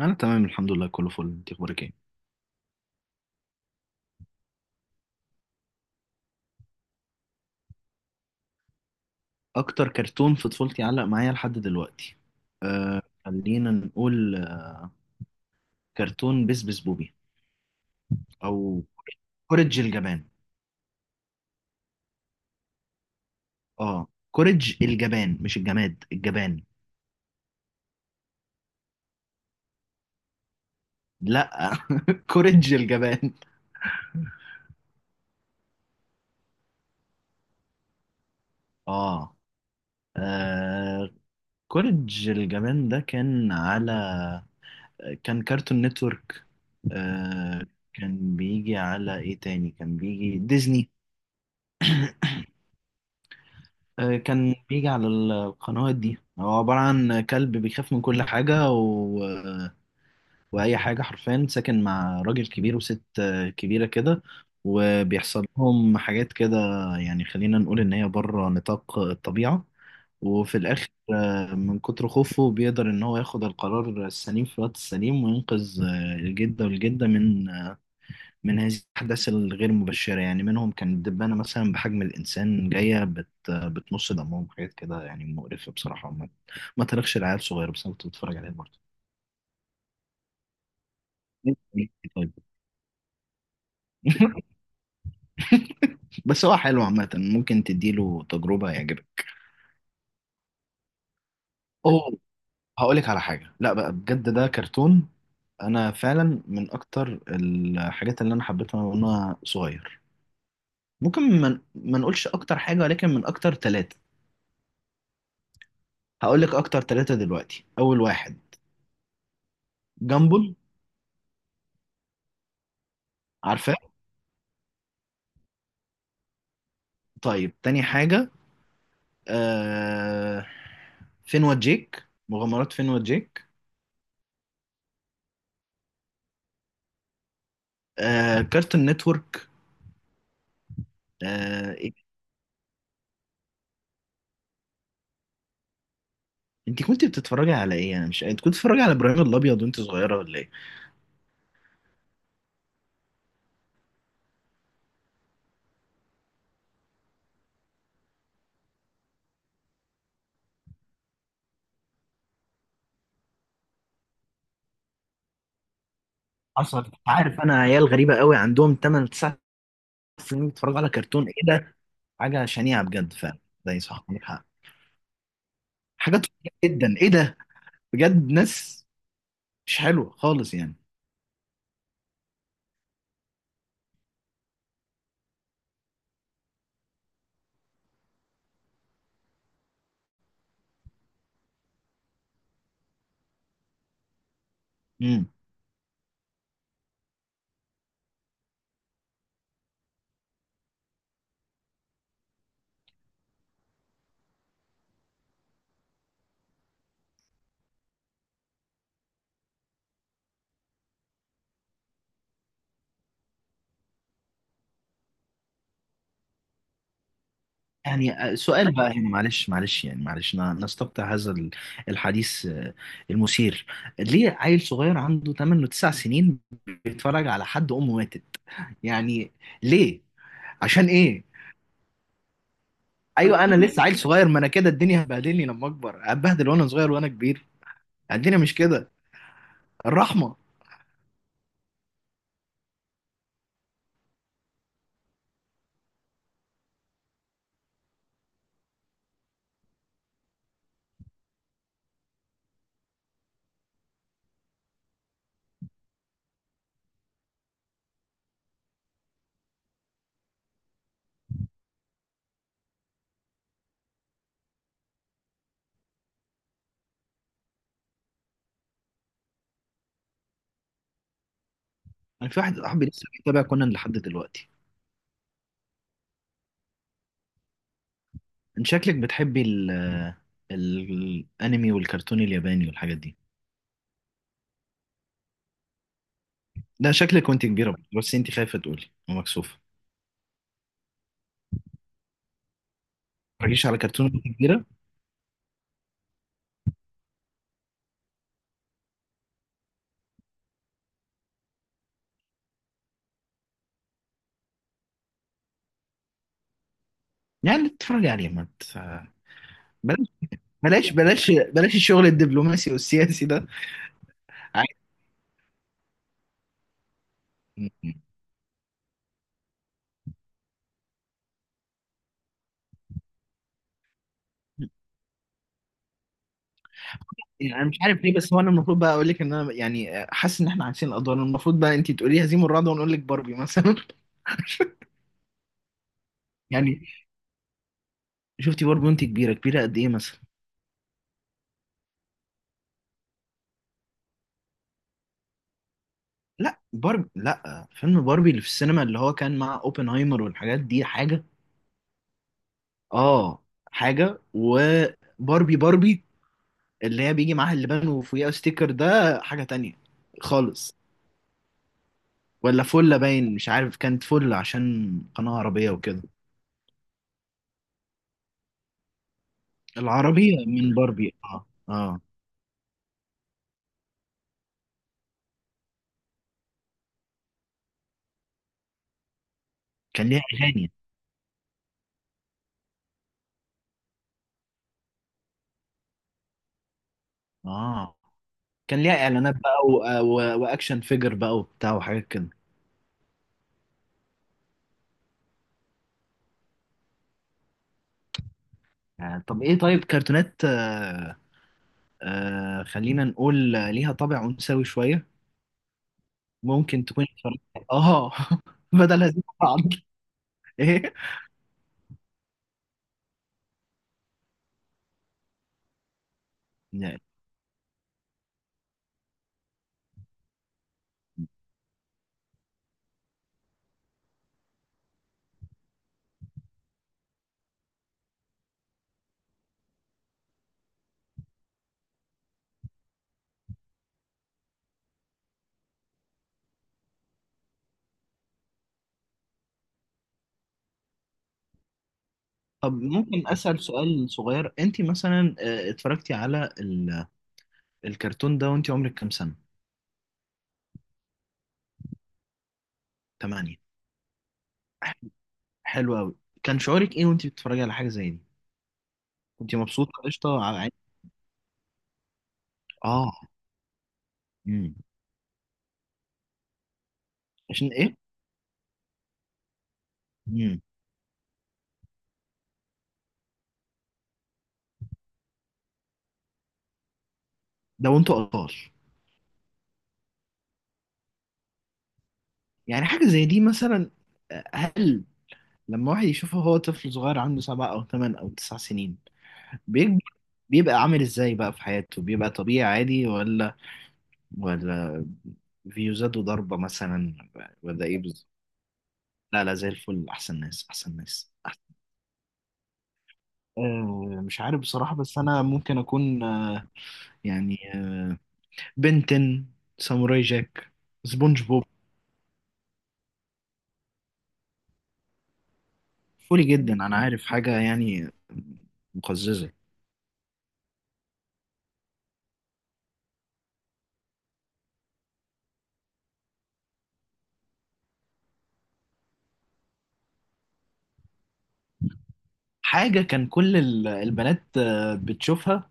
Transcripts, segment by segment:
انا تمام الحمد لله، كله فل. انت اخبارك ايه؟ اكتر كرتون في طفولتي علق معايا لحد دلوقتي. خلينا نقول كرتون بس بس بوبي. او كوريج الجبان. اه، كوريج الجبان مش الجماد الجبان. لا. كوريج الجبان. اه آه، كوريج الجبان ده كان على... كان كارتون نتورك. آه، كان بيجي على ايه تاني؟ كان بيجي ديزني. آه، كان بيجي على القنوات دي. هو عبارة عن كلب بيخاف من كل حاجة وأي حاجة حرفيا. ساكن مع راجل كبير وست كبيرة كده. وبيحصل لهم حاجات كده. يعني خلينا نقول إن هي بره نطاق الطبيعة. وفي الآخر، من كتر خوفه بيقدر إن هو ياخد القرار السليم في الوقت السليم، وينقذ الجدة من من هذه الأحداث الغير مبشرة. يعني منهم كان دبانة مثلا بحجم الإنسان جاية بتمص دمهم. حاجات كده يعني مقرفة بصراحة. ما تاريخش العيال صغيرة، بس أنا كنت بتفرج عليه برضه. طيب. بس هو حلو عامة، ممكن تديله تجربة يعجبك. أوه، هقولك على حاجة. لا بقى بجد ده كرتون. أنا فعلا من أكتر الحاجات اللي أنا حبيتها وأنا صغير. ممكن ما نقولش أكتر حاجة، ولكن من أكتر ثلاثة. هقولك أكتر ثلاثة دلوقتي. أول واحد جامبل. عارفاه؟ طيب، تاني حاجة آه... فين جيك، مغامرات فين جيك. كارتون نتورك. إيه؟ انت كنت بتتفرجي على ايه؟ انا مش انت كنت بتتفرجي على ابراهيم الابيض وانت صغيرة ولا ايه؟ حصل. انت عارف انا عيال غريبة قوي عندهم 8 9 سنين بيتفرجوا على كرتون ايه ده؟ حاجة شنيعة بجد فعلا. ده صح، عندك حق. حاجات جدا ايه ده، بجد ناس مش حلوة خالص يعني. امم يعني سؤال بقى هنا، معلش معلش يعني معلش نستقطع هذا الحديث المثير. ليه عيل صغير عنده 8 و9 سنين بيتفرج على حد أمه ماتت؟ يعني ليه؟ عشان ايه؟ ايوه انا لسه عيل صغير، ما انا كده الدنيا هتبهدلني لما اكبر، هتبهدل وانا صغير وانا كبير. الدنيا مش كده. الرحمة. انا في واحد صاحبي لسه بيتابع كونان لحد دلوقتي. انت شكلك بتحبي الانمي والكرتون الياباني والحاجات دي. ده شكلك وانت كبيرة، بس انت خايفة تقولي ومكسوفة. تتفرجيش على كرتون كبيرة؟ يعني تتفرجي عليه ما ت- بلاش، بلاش بلاش بلاش الشغل الدبلوماسي والسياسي ده. عادي يعني. انا مش عارف ليه، بس هو انا المفروض بقى اقول لك ان انا يعني حاسس ان احنا عكسين الادوار. المفروض بقى انت تقولي هزيم الرعد وانا اقول لك باربي مثلا. يعني شفتي باربي وانت كبيره كبيره قد ايه مثلا؟ لا باربي، لا فيلم باربي اللي في السينما اللي هو كان مع اوبنهايمر والحاجات دي حاجه. اه، حاجه. وباربي باربي اللي هي بيجي معاها اللبان وفوقيها ستيكر ده حاجه تانية خالص. ولا فلة باين. مش عارف، كانت فلة عشان قناة عربية وكده. العربية من باربي. اه اه. كان ليها أغاني. اه، كان ليها إعلانات بقى و... و... وأكشن فيجر بقى وبتاع وحاجات كده. آه. طب إيه؟ طيب كرتونات، خلينا نقول ليها طابع أنثوي شوية، ممكن تكون اتفرجت. اه. بدل هذه بعض. ايه. نعم. طب ممكن أسأل سؤال صغير. انت مثلا اتفرجتي على الكرتون ده وانت عمرك كام سنة؟ 8. حلو قوي. كان شعورك ايه وانت بتتفرجي على حاجه زي دي؟ كنت مبسوطه قشطه على عين. اه. امم. عشان ايه؟ امم. ده وانتوا اطفال. يعني حاجه زي دي مثلا، هل لما واحد يشوفه هو طفل صغير عنده 7 او 8 او 9 سنين بيكبر، بيبقى عامل ازاي بقى في حياته؟ بيبقى طبيعي عادي، ولا فيوزات وضربه مثلا، ولا ايه بالظبط؟ لا لا، زي الفل، احسن ناس احسن ناس أحسن. مش عارف بصراحة، بس أنا ممكن أكون يعني آه، بنتن، ساموراي جاك، سبونج بوب. قولي جدا انا عارف حاجه يعني مقززه. حاجه كان كل البنات بتشوفها،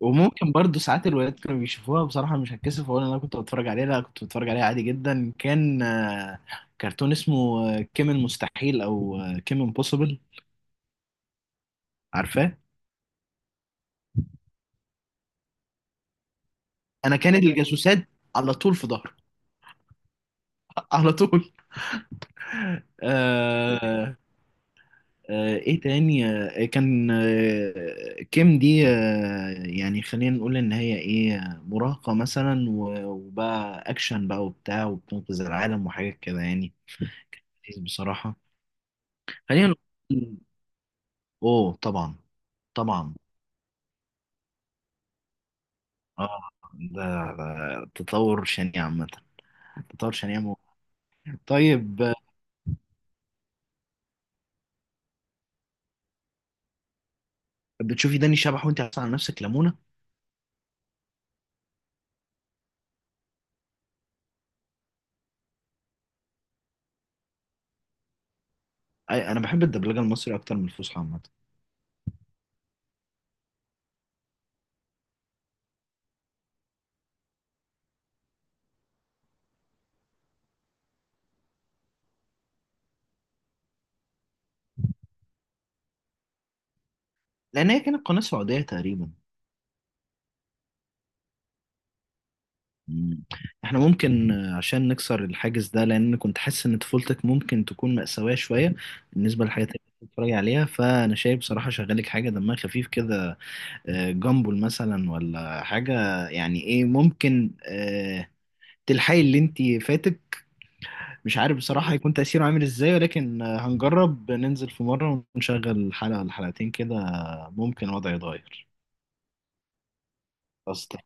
وممكن برضو ساعات الولاد كانوا بيشوفوها. بصراحه مش هتكسف اقول إن انا كنت بتفرج عليها، لا كنت بتفرج عليها عادي جدا. كان كرتون اسمه كيمن مستحيل او كيمن بوسيبل. عارفاه؟ انا كانت الجاسوسات على طول في ظهري. على طول. آه، ايه تاني؟ كان كيم دي خلينا نقول ان هي ايه، مراهقة مثلا وبقى اكشن بقى وبتاع وبتنقذ العالم وحاجات كده يعني. بصراحة خلينا نقول، اوه طبعا طبعا. اه. ده ده تطور شنيع عامة. تطور شنيع طيب. بتشوفي داني شبح وانت عاطفة على نفسك لمونة؟ انا بحب الدبلجة المصري اكتر من الفصحى عامة. لان هي كانت قناة سعودية تقريبا. مم. احنا ممكن عشان نكسر الحاجز ده، لان كنت حاسس ان طفولتك ممكن تكون مأساوية شوية بالنسبة للحاجات اللي كنت بتتفرج عليها، فانا شايف بصراحة شغالك حاجة دمها خفيف كده. جامبل مثلا ولا حاجة. يعني ايه، ممكن تلحقي اللي انت فاتك. مش عارف بصراحة هيكون تأثيره عامل ازاي، ولكن هنجرب ننزل في مرة ونشغل حلقة ولا حلقتين كده. ممكن الوضع يتغير. خلاص.